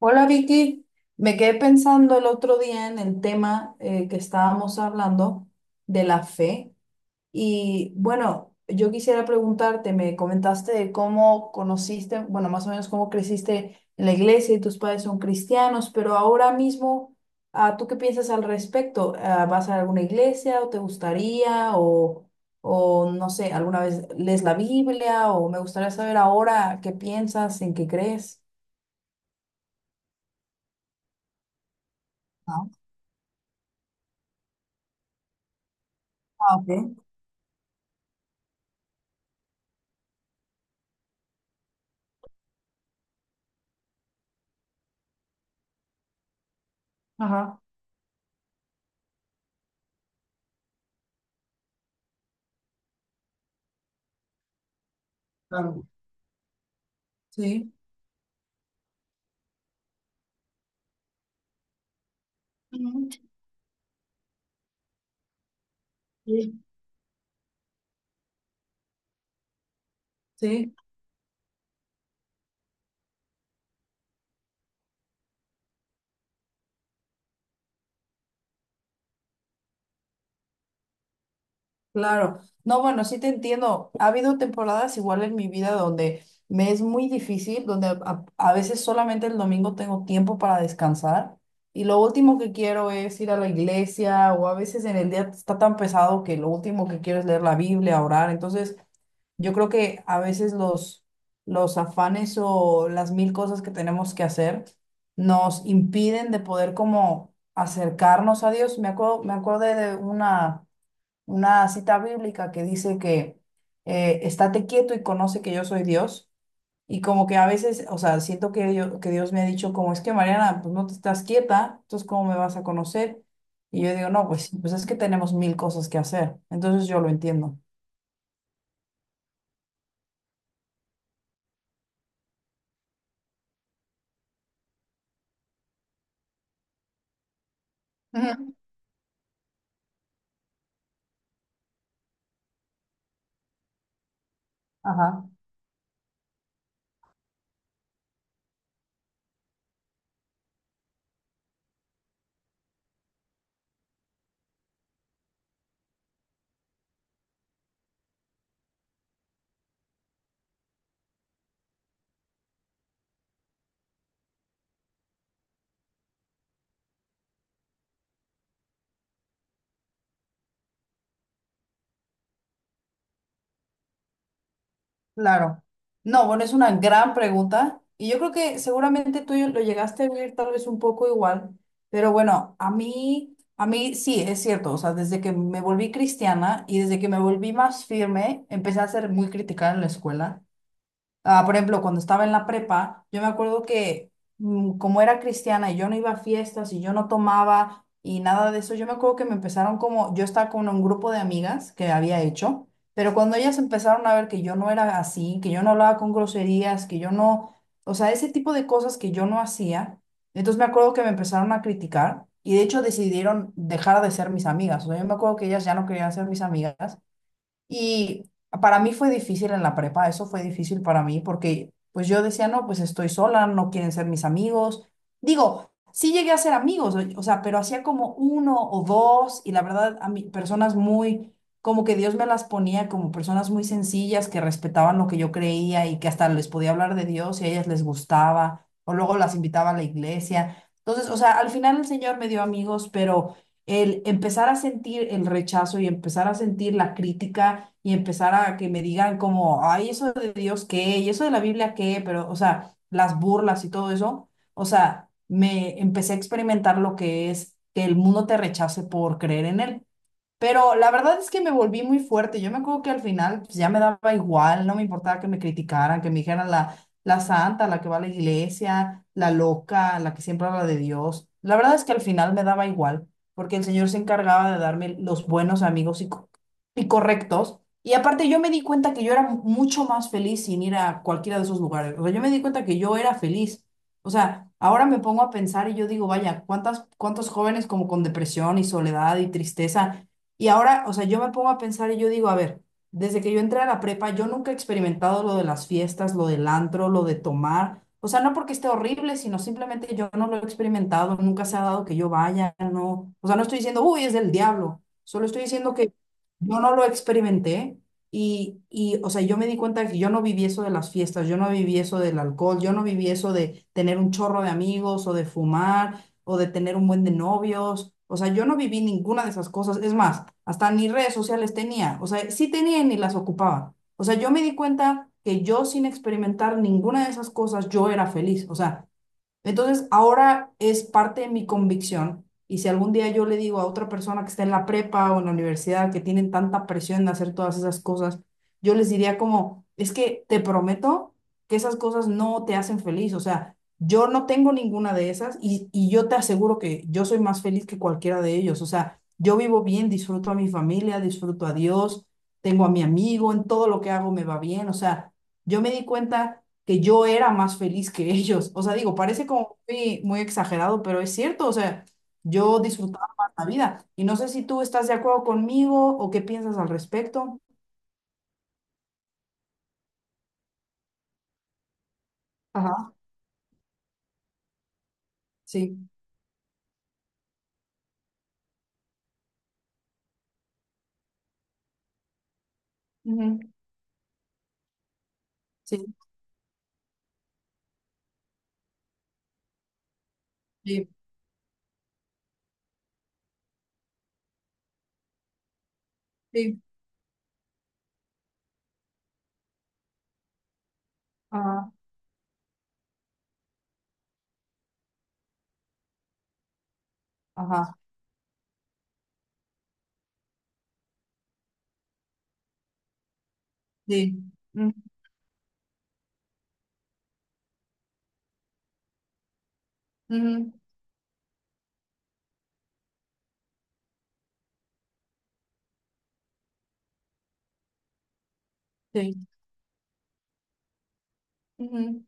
Hola Vicky, me quedé pensando el otro día en el tema que estábamos hablando de la fe y bueno, yo quisiera preguntarte, me comentaste de cómo conociste, bueno, más o menos cómo creciste en la iglesia y tus padres son cristianos, pero ahora mismo, ¿tú qué piensas al respecto? ¿Vas a alguna iglesia o te gustaría o no sé, alguna vez lees la Biblia o me gustaría saber ahora qué piensas, en qué crees? Ah, ok. Ajá. Claro. Sí. Ujú. Sí. Sí. Claro, no, bueno, sí te entiendo. Ha habido temporadas igual en mi vida donde me es muy difícil, donde a veces solamente el domingo tengo tiempo para descansar y lo último que quiero es ir a la iglesia o a veces en el día está tan pesado que lo último que quiero es leer la Biblia, orar. Entonces, yo creo que a veces los afanes o las mil cosas que tenemos que hacer nos impiden de poder como acercarnos a Dios. Me acuerdo, me acordé de una cita bíblica que dice que estate quieto y conoce que yo soy Dios. Y como que a veces, o sea, siento que, que Dios me ha dicho, como es que Mariana, pues no te estás quieta, entonces ¿cómo me vas a conocer? Y yo digo, no, pues, sí, pues es que tenemos mil cosas que hacer. Entonces yo lo entiendo. Ujú. Ajá. Claro. No, bueno, es una gran pregunta y yo creo que seguramente tú lo llegaste a vivir tal vez un poco igual, pero bueno, a mí sí, es cierto, o sea, desde que me volví cristiana y desde que me volví más firme, empecé a ser muy criticada en la escuela. Ah, por ejemplo, cuando estaba en la prepa, yo me acuerdo que como era cristiana y yo no iba a fiestas y yo no tomaba y nada de eso, yo me acuerdo que me empezaron como, yo estaba con un grupo de amigas que había hecho, pero cuando ellas empezaron a ver que yo no era así, que yo no hablaba con groserías, que yo no, o sea, ese tipo de cosas que yo no hacía, entonces me acuerdo que me empezaron a criticar y de hecho decidieron dejar de ser mis amigas. O sea, yo me acuerdo que ellas ya no querían ser mis amigas y para mí fue difícil en la prepa, eso fue difícil para mí porque pues yo decía, no, pues estoy sola, no quieren ser mis amigos. Digo, sí llegué a ser amigos, o sea, pero hacía como uno o dos y la verdad a mí personas muy, como que Dios me las ponía como personas muy sencillas que respetaban lo que yo creía y que hasta les podía hablar de Dios y a ellas les gustaba o luego las invitaba a la iglesia. Entonces, o sea, al final el Señor me dio amigos, pero el empezar a sentir el rechazo y empezar a sentir la crítica y empezar a que me digan como, ay, eso de Dios qué, y eso de la Biblia qué, pero, o sea, las burlas y todo eso, o sea, me empecé a experimentar lo que es que el mundo te rechace por creer en él. Pero la verdad es que me volví muy fuerte. Yo me acuerdo que al final pues, ya me daba igual, no me importaba que me criticaran, que me dijeran la santa, la que va a la iglesia, la loca, la que siempre habla de Dios. La verdad es que al final me daba igual, porque el Señor se encargaba de darme los buenos amigos y y correctos. Y aparte yo me di cuenta que yo era mucho más feliz sin ir a cualquiera de esos lugares. O sea, yo me di cuenta que yo era feliz. O sea, ahora me pongo a pensar y yo digo, vaya, ¿cuántos jóvenes como con depresión y soledad y tristeza? Y ahora, o sea, yo me pongo a pensar y yo digo, a ver, desde que yo entré a la prepa, yo nunca he experimentado lo de las fiestas, lo del antro, lo de tomar. O sea, no porque esté horrible, sino simplemente yo no lo he experimentado, nunca se ha dado que yo vaya, no. O sea, no estoy diciendo, uy, es del diablo. Solo estoy diciendo que yo no lo experimenté o sea, yo me di cuenta que yo no viví eso de las fiestas, yo no viví eso del alcohol, yo no viví eso de tener un chorro de amigos o de fumar o de tener un buen de novios. O sea, yo no viví ninguna de esas cosas. Es más, hasta ni redes sociales tenía. O sea, sí tenía y ni las ocupaba. O sea, yo me di cuenta que yo sin experimentar ninguna de esas cosas, yo era feliz. O sea, entonces, ahora es parte de mi convicción. Y si algún día yo le digo a otra persona que está en la prepa o en la universidad que tienen tanta presión de hacer todas esas cosas, yo les diría como, es que te prometo que esas cosas no te hacen feliz. O sea, yo no tengo ninguna de esas y yo te aseguro que yo soy más feliz que cualquiera de ellos. O sea, yo vivo bien, disfruto a mi familia, disfruto a Dios, tengo a mi amigo, en todo lo que hago me va bien. O sea, yo me di cuenta que yo era más feliz que ellos. O sea, digo, parece como muy, muy exagerado, pero es cierto, o sea, yo disfrutaba más la vida. Y no sé si tú estás de acuerdo conmigo o qué piensas al respecto. Ajá, sí. Ujú. Sí, sí, sí. Ajá, ajá, sí. mm, ujú, sí. Ujú,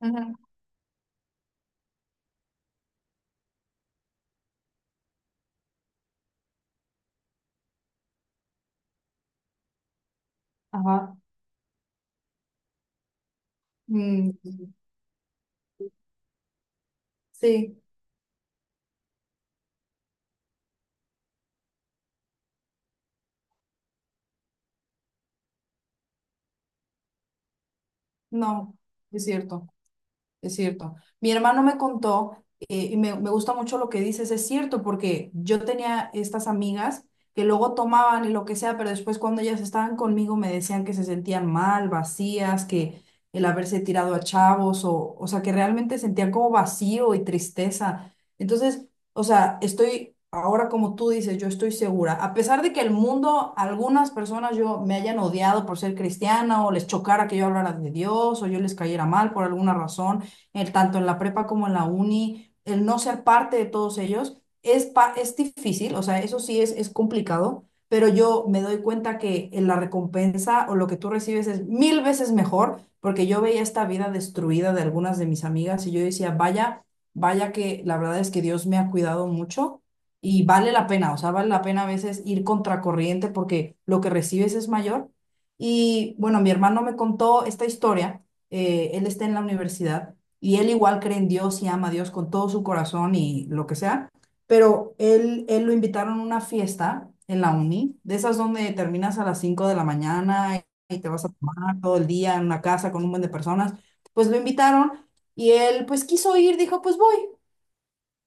ujú. Ajá. mm, sí, no, es cierto. Es cierto. Mi hermano me contó, y me gusta mucho lo que dices, es cierto, porque yo tenía estas amigas que luego tomaban y lo que sea, pero después cuando ellas estaban conmigo me decían que se sentían mal, vacías, que el haberse tirado a chavos, o sea, que realmente sentían como vacío y tristeza. Entonces, o sea, estoy ahora como tú dices, yo estoy segura, a pesar de que el mundo, algunas personas yo me hayan odiado por ser cristiana o les chocara que yo hablara de Dios o yo les cayera mal por alguna razón tanto en la prepa como en la uni, el no ser parte de todos ellos es difícil, o sea, eso sí es complicado, pero yo me doy cuenta que en la recompensa o lo que tú recibes es mil veces mejor, porque yo veía esta vida destruida de algunas de mis amigas y yo decía, vaya que la verdad es que Dios me ha cuidado mucho. Y vale la pena, o sea, vale la pena a veces ir contracorriente porque lo que recibes es mayor. Y bueno, mi hermano me contó esta historia, él está en la universidad y él igual cree en Dios y ama a Dios con todo su corazón y lo que sea, pero él lo invitaron a una fiesta en la uni, de esas donde terminas a las 5 de la mañana y te vas a tomar todo el día en una casa con un buen de personas, pues lo invitaron y él pues quiso ir, dijo pues voy.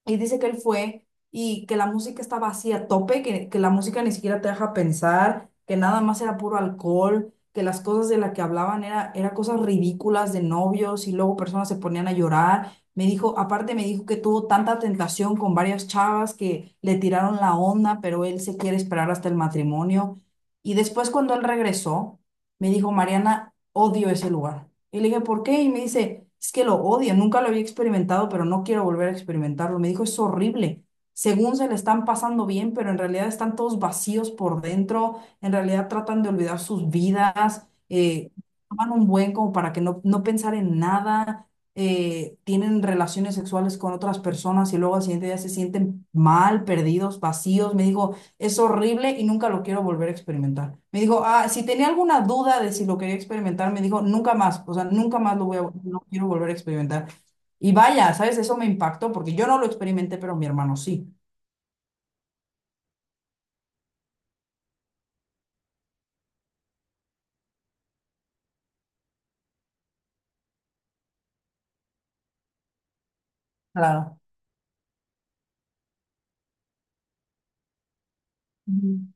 Y dice que él fue y que la música estaba así a tope, que la música ni siquiera te deja pensar, que nada más era puro alcohol, que las cosas de las que hablaban era cosas ridículas de novios y luego personas se ponían a llorar. Me dijo, aparte me dijo que tuvo tanta tentación con varias chavas que le tiraron la onda, pero él se quiere esperar hasta el matrimonio. Y después cuando él regresó, me dijo, Mariana, odio ese lugar. Y le dije, ¿por qué? Y me dice, es que lo odia. Nunca lo había experimentado, pero no quiero volver a experimentarlo. Me dijo, es horrible. Según se le están pasando bien, pero en realidad están todos vacíos por dentro, en realidad tratan de olvidar sus vidas, toman un buen como para que no pensar en nada, tienen relaciones sexuales con otras personas y luego al siguiente día se sienten mal, perdidos, vacíos. Me dijo, es horrible y nunca lo quiero volver a experimentar. Me dijo, ah, si tenía alguna duda de si lo quería experimentar, me dijo, nunca más, o sea, nunca más lo voy a, no quiero volver a experimentar. Y vaya, ¿sabes? Eso me impactó porque yo no lo experimenté, pero mi hermano sí. Claro. Ujú.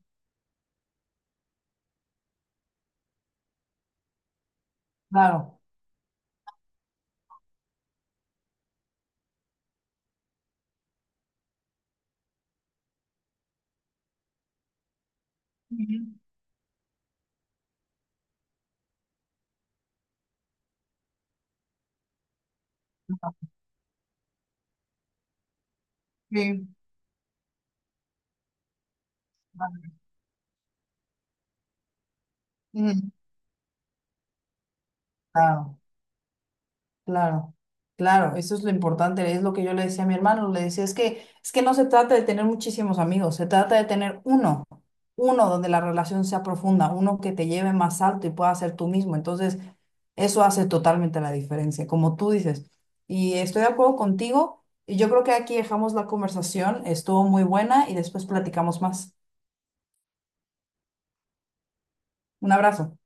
Claro. Ujú. Sí. Vale. Ujú. Claro. Claro, claro, eso es lo importante, es lo que yo le decía a mi hermano, le decía, es es que no se trata de tener muchísimos amigos, se trata de tener uno, uno donde la relación sea profunda, uno que te lleve más alto y pueda ser tú mismo, entonces eso hace totalmente la diferencia, como tú dices, y estoy de acuerdo contigo, y yo creo que aquí dejamos la conversación, estuvo muy buena y después platicamos más. Un abrazo.